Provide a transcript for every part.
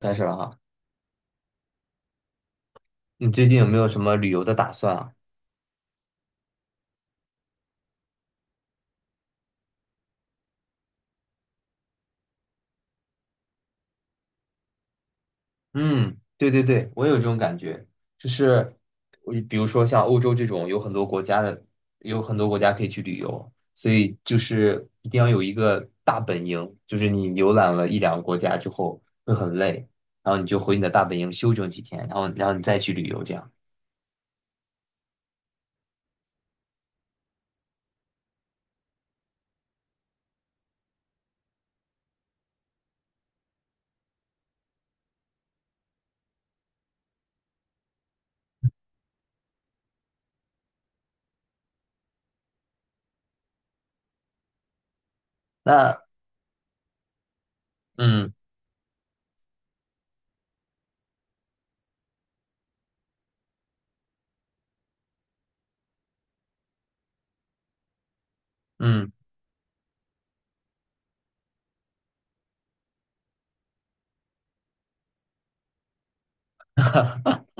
开始了哈，你最近有没有什么旅游的打算啊？嗯，对对对，我有这种感觉，就是我比如说像欧洲这种有很多国家的，有很多国家可以去旅游，所以就是一定要有一个大本营，就是你游览了一两个国家之后会很累，然后你就回你的大本营休整几天，然后你再去旅游这样。那嗯嗯，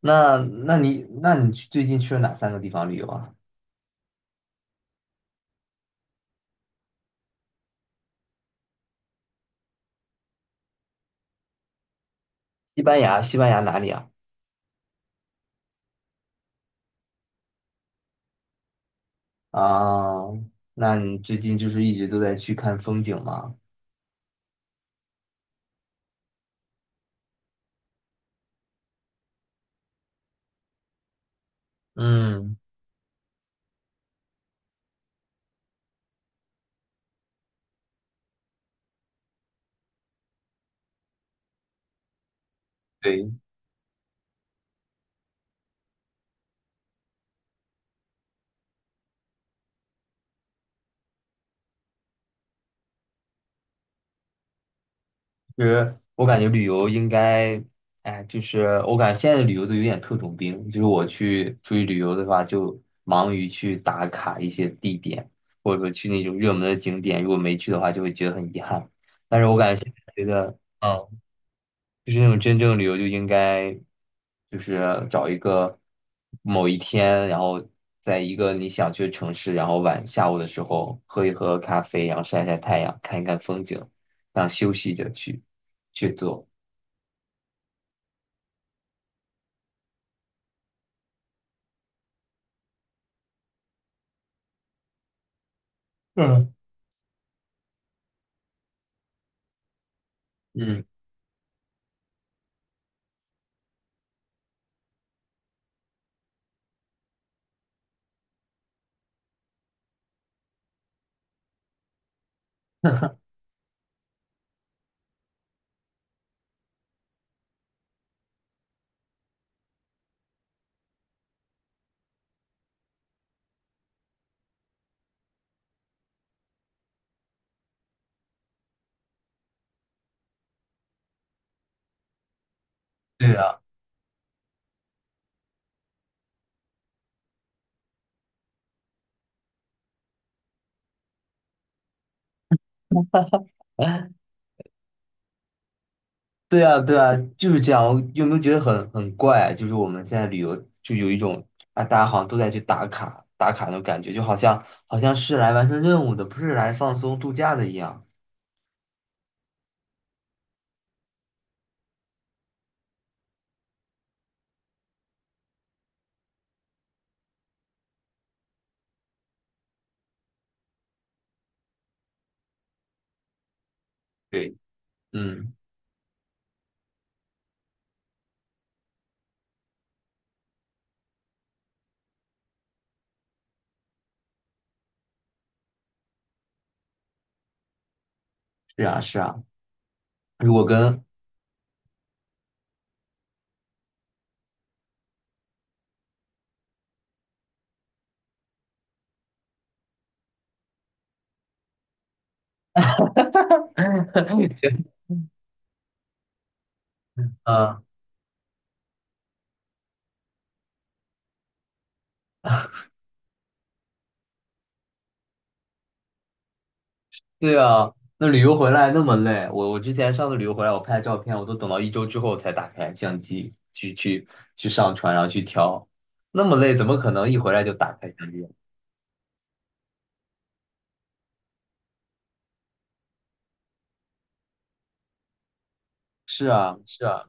那你去最近去了哪三个地方旅游啊？西班牙，西班牙哪里啊？啊，那你最近就是一直都在去看风景吗？嗯，对，其实我感觉旅游应该，哎，就是我感觉现在的旅游都有点特种兵，就是我去出去旅游的话，就忙于去打卡一些地点，或者说去那种热门的景点，如果没去的话，就会觉得很遗憾。但是我感觉现在觉得，嗯。就是那种真正旅游就应该就是找一个某一天，然后在一个你想去的城市，然后晚下午的时候喝一喝咖啡，然后晒晒太阳，看一看风景，这样休息着去做。嗯，嗯，对啊，对啊，对啊，就是这样。我有没有觉得很怪啊？就是我们现在旅游就有一种啊，大家好像都在去打卡打卡那种感觉，就好像好像是来完成任务的，不是来放松度假的一样。对，嗯，是啊，是啊。如果跟 啊，对啊，那旅游回来那么累，我之前上次旅游回来，我拍照片，我都等到一周之后才打开相机去上传，然后去挑，那么累，怎么可能一回来就打开相机？是啊，是啊，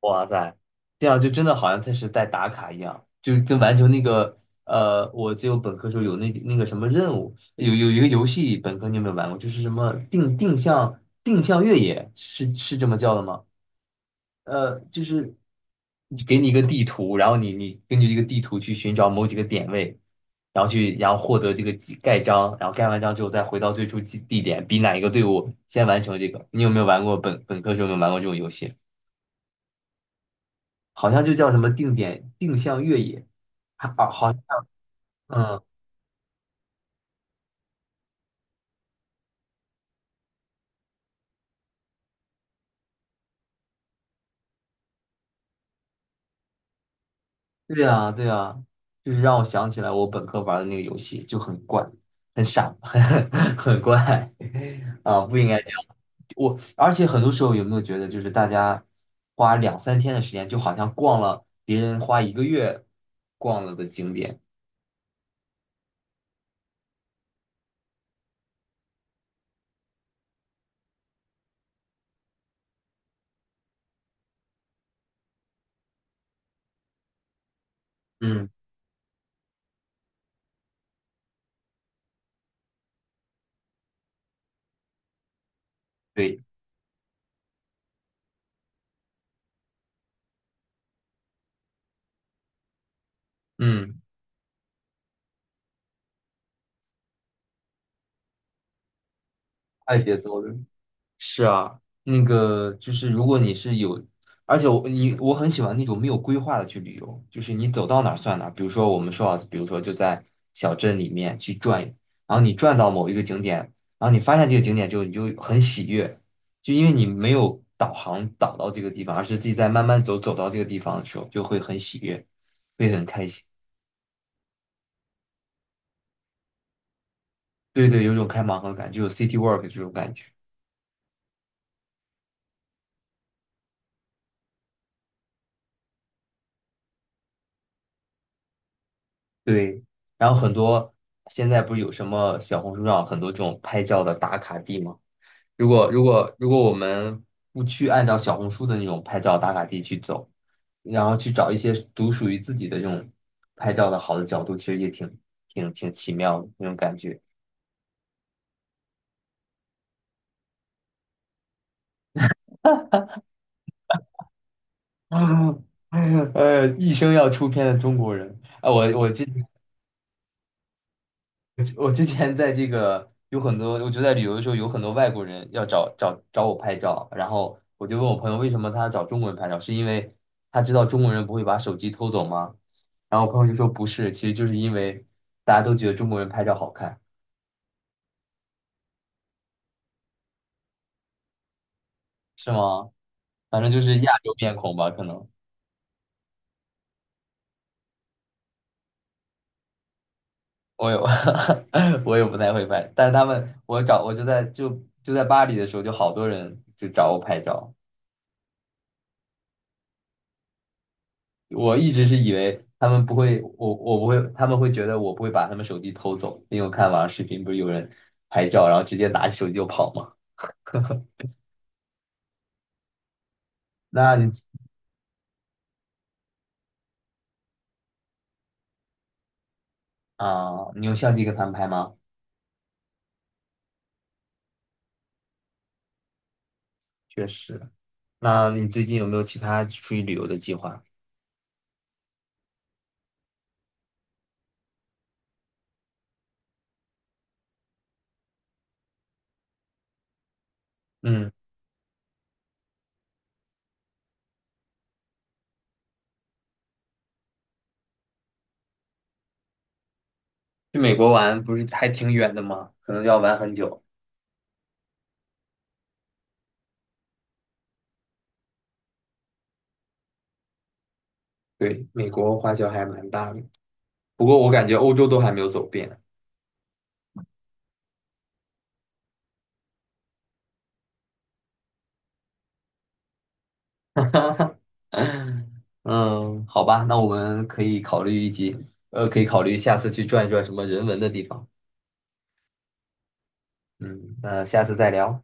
哇塞，这样就真的好像才是在打卡一样，就跟完成那个呃，我就本科时候有那个什么任务，有一个游戏，本科你有没有玩过？就是什么定向定向越野，是这么叫的吗？呃，就是给你一个地图，然后你根据这个地图去寻找某几个点位，然后去然后获得这个记盖章，然后盖完章之后再回到最初地点，比哪一个队伍先完成这个。你有没有玩过本科时候有没有玩过这种游戏？好像就叫什么定点定向越野，还啊好像嗯，对呀对呀，就是让我想起来我本科玩的那个游戏就很怪，很傻，很很怪 啊，不应该。我而且很多时候有没有觉得，就是大家花两三天的时间，就好像逛了别人花一个月逛了的景点。嗯，对，嗯，快节奏的。是啊，那个就是如果你是有，而且我很喜欢那种没有规划的去旅游，就是你走到哪儿算哪儿。比如说我们说啊，比如说就在小镇里面去转，然后你转到某一个景点，然后你发现这个景点之后，你就很喜悦，就因为你没有导航导到这个地方，而是自己在慢慢走到这个地方的时候，就会很喜悦，会很开心。对对，有种开盲盒感，就有 city walk 这种感觉。对，然后很多现在不是有什么小红书上很多这种拍照的打卡地吗？如果我们不去按照小红书的那种拍照打卡地去走，然后去找一些独属于自己的这种拍照的好的角度，其实也挺奇妙的那种感觉。啊，哎呀，哎呀一生要出片的中国人啊！我我这 我之前在这个有很多，我就在旅游的时候有很多外国人要找我拍照，然后我就问我朋友为什么他要找中国人拍照，是因为他知道中国人不会把手机偷走吗？然后我朋友就说不是，其实就是因为大家都觉得中国人拍照好看，是吗？反正就是亚洲面孔吧，可能我有，我也不太会拍，但是他们我找我就在巴黎的时候，就好多人就找我拍照。我一直是以为他们不会，我不会，他们会觉得我不会把他们手机偷走，因为我看网上视频不是有人拍照，然后直接拿起手机就跑嘛。那你啊，你用相机跟他们拍吗？确实。那你最近有没有其他出去旅游的计划？嗯，去美国玩不是还挺远的吗？可能要玩很久。对，美国花销还蛮大的，不过我感觉欧洲都还没有走遍。哈哈，嗯，好吧，那我们可以考虑一集，呃，可以考虑下次去转一转什么人文的地方。嗯，那下次再聊。